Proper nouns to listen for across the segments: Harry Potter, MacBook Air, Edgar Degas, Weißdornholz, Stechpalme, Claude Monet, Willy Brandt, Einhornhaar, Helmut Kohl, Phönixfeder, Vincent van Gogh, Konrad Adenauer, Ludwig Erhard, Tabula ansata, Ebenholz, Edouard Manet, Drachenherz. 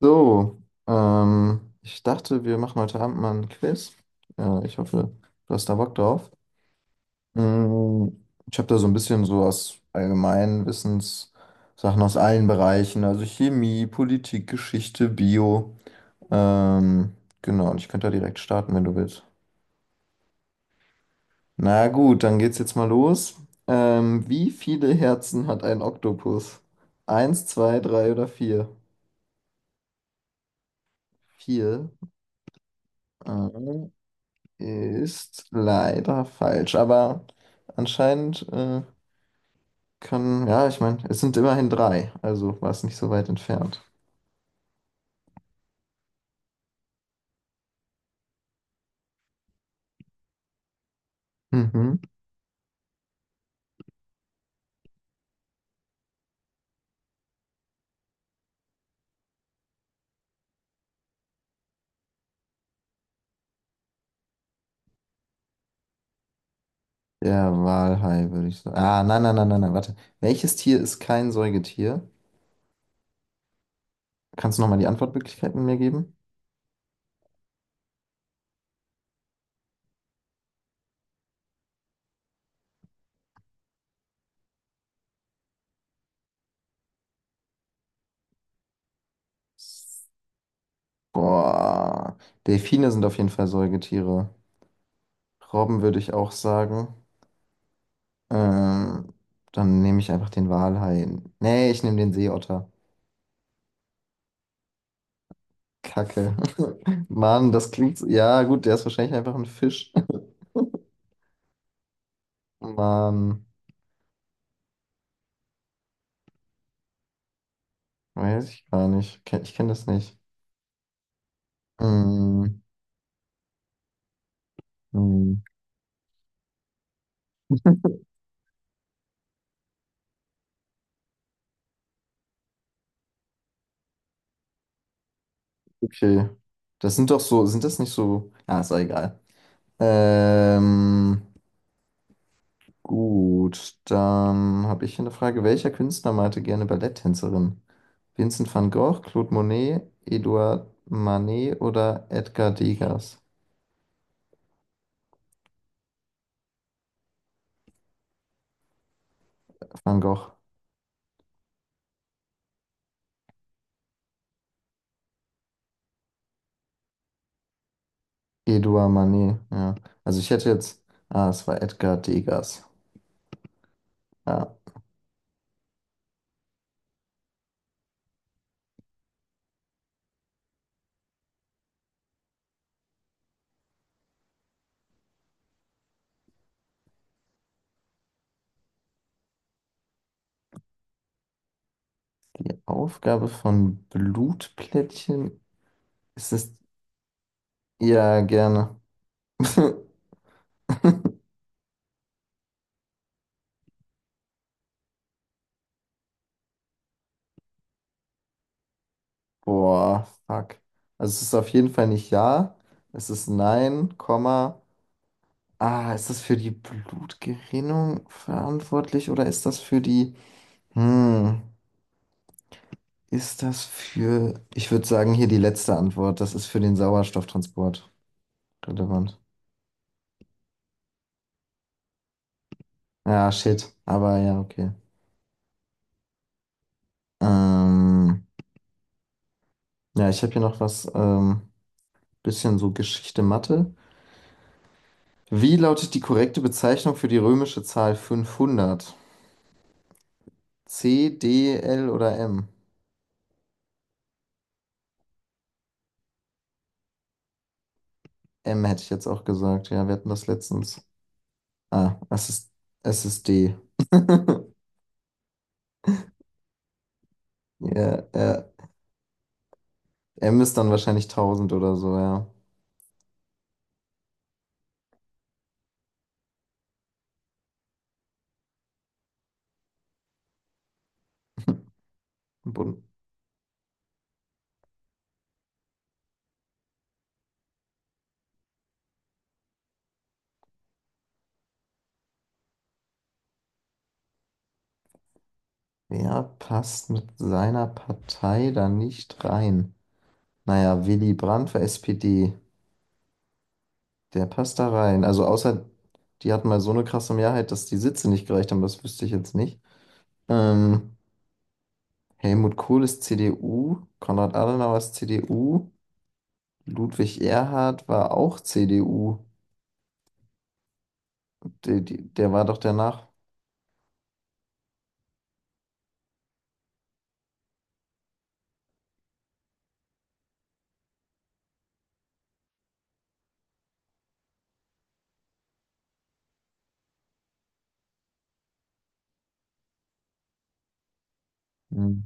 So, ich dachte, wir machen heute Abend mal ein Quiz. Ich hoffe, du hast da Bock drauf. Mm, Ich habe da so ein bisschen so aus allgemeinen Wissenssachen aus allen Bereichen, also Chemie, Politik, Geschichte, Bio. Ähm, genau, und ich könnte da direkt starten, wenn du willst. Na gut, dann geht's jetzt mal los. Wie viele Herzen hat ein Oktopus? Eins, zwei, drei oder vier? Vier. Ah. Ist leider falsch, aber anscheinend kann, ja, ich meine, es sind immerhin drei, also war es nicht so weit entfernt. Mhm. Der Walhai würde ich sagen. Ah, nein, nein, nein, nein, nein, warte. Welches Tier ist kein Säugetier? Kannst du nochmal die Antwortmöglichkeiten mir geben? Boah, Delfine sind auf jeden Fall Säugetiere. Robben würde ich auch sagen. Ähm, Dann nehme ich einfach den Walhai. Nee, ich nehme den Seeotter. Kacke. Mann, das klingt. Ja, gut, der ist wahrscheinlich einfach ein Fisch. Mann, weiß ich gar nicht. Ich kenne das nicht. Hm, hm. Okay. Das sind doch so. Sind das nicht so. Ah, ist auch egal. Ähm, gut, dann habe ich hier eine Frage. Welcher Künstler malte gerne Balletttänzerin? Vincent van Gogh, Claude Monet, Edouard Manet oder Edgar Degas? Van Gogh. Edouard Manet, ja. Also ich hätte jetzt, ah, es war Edgar Degas. Ja, die Aufgabe von Blutplättchen ist es, ja, gerne. Boah, fuck. Also es ist auf jeden Fall nicht ja, es ist nein, Komma. Ah, ist das für die Blutgerinnung verantwortlich oder ist das für die, hm, ist das für, ich würde sagen, hier die letzte Antwort, das ist für den Sauerstofftransport relevant. Ja, shit, aber ja, okay. Ähm, ja, ich habe hier noch was, bisschen so Geschichte Mathe. Wie lautet die korrekte Bezeichnung für die römische Zahl 500? C, D, L oder M? M hätte ich jetzt auch gesagt. Ja, wir hatten das letztens. Ah, es ist D. Ja, M ist dann wahrscheinlich tausend oder so, ja. Bund Wer passt mit seiner Partei da nicht rein? Naja, Willy Brandt für SPD. Der passt da rein. Also außer, die hatten mal so eine krasse Mehrheit, dass die Sitze nicht gereicht haben, das wüsste ich jetzt nicht. Ähm, Helmut Kohl ist CDU, Konrad Adenauer ist CDU, Ludwig Erhard war auch CDU. Der war doch danach. Hm,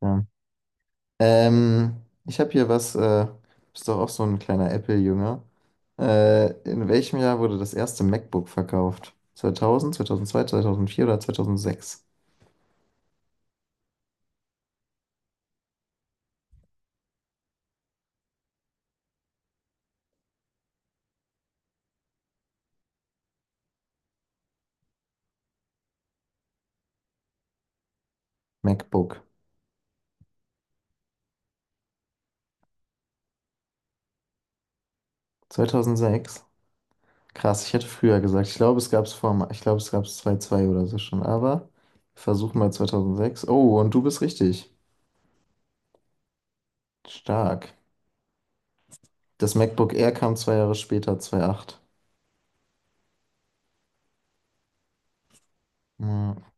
ja. Ähm, Ich habe hier was, bist doch auch so ein kleiner Apple-Jünger. In welchem Jahr wurde das erste MacBook verkauft? 2000, 2002, 2004 oder 2006? MacBook. 2006. Krass, ich hätte früher gesagt, ich glaube, es gab es vor, ich glaube, es gab es 2-2 oder so schon, aber wir versuchen mal 2006. Oh, und du bist richtig. Stark. Das MacBook Air kam 2 Jahre später, 2.8. Ja.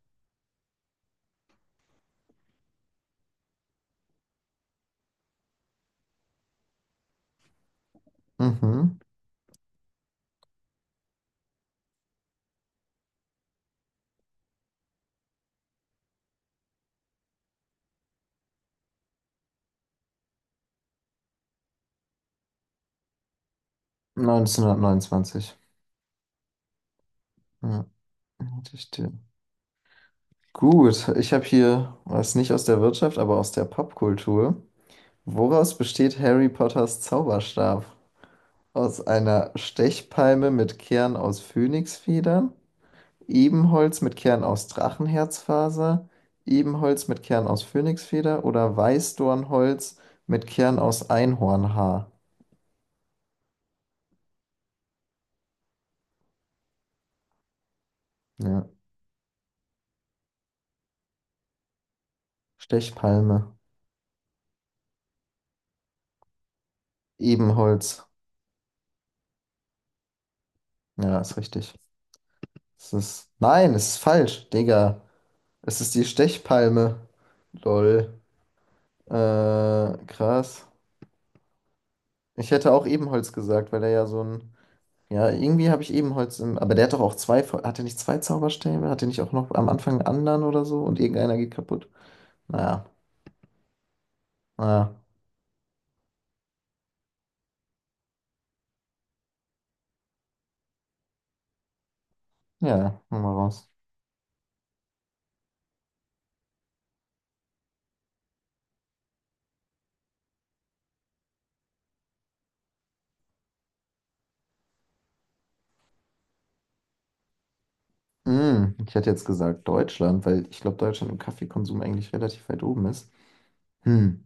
Mhm. 1929. Ja. Hatte ich dir. Gut, ich habe hier was nicht aus der Wirtschaft, aber aus der Popkultur. Woraus besteht Harry Potters Zauberstab? Aus einer Stechpalme mit Kern aus Phönixfedern? Ebenholz mit Kern aus Drachenherzfaser, Ebenholz mit Kern aus Phönixfeder oder Weißdornholz mit Kern aus Einhornhaar. Ja. Stechpalme. Ebenholz. Ja, ist richtig. Es ist. Nein, es ist falsch, Digga. Es ist die Stechpalme. Lol. Äh, Krass. Ich hätte auch Ebenholz gesagt, weil er ja so ein. Ja, irgendwie habe ich Ebenholz im. Aber der hat doch auch zwei. Hat er nicht zwei Zauberstäbe? Hat er nicht auch noch am Anfang einen anderen oder so? Und irgendeiner geht kaputt? Naja. Ah, ja, hol mal raus. Ich hätte jetzt gesagt Deutschland, weil ich glaube, Deutschland im Kaffeekonsum eigentlich relativ weit oben ist. Hm,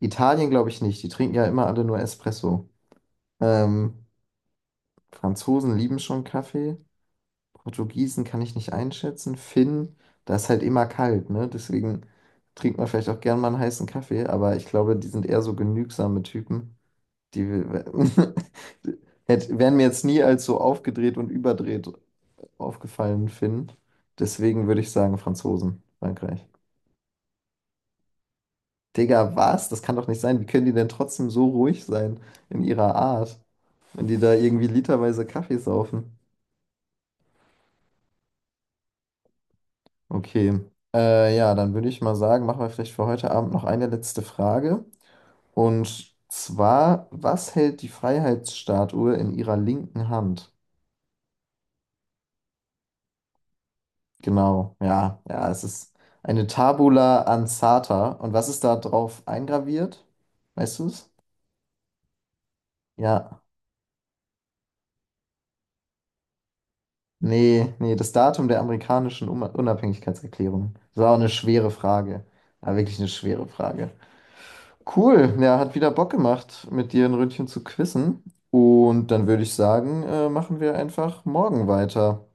Italien glaube ich nicht. Die trinken ja immer alle nur Espresso. Ähm, Franzosen lieben schon Kaffee. Portugiesen kann ich nicht einschätzen. Finn, da ist halt immer kalt, ne? Deswegen trinkt man vielleicht auch gern mal einen heißen Kaffee, aber ich glaube, die sind eher so genügsame Typen. Die wären mir jetzt nie als so aufgedreht und überdreht aufgefallen, Finn. Deswegen würde ich sagen, Franzosen, Frankreich. Digga, was? Das kann doch nicht sein. Wie können die denn trotzdem so ruhig sein in ihrer Art, wenn die da irgendwie literweise Kaffee saufen? Okay. Ja, dann würde ich mal sagen, machen wir vielleicht für heute Abend noch eine letzte Frage. Und zwar, was hält die Freiheitsstatue in ihrer linken Hand? Genau, ja, ja, es ist eine Tabula ansata. Und was ist da drauf eingraviert? Weißt du es? Ja. Nee, nee, das Datum der amerikanischen Unabhängigkeitserklärung. Das war auch eine schwere Frage. War wirklich eine schwere Frage. Cool, ja, hat wieder Bock gemacht, mit dir ein Ründchen zu quizzen. Und dann würde ich sagen, machen wir einfach morgen weiter.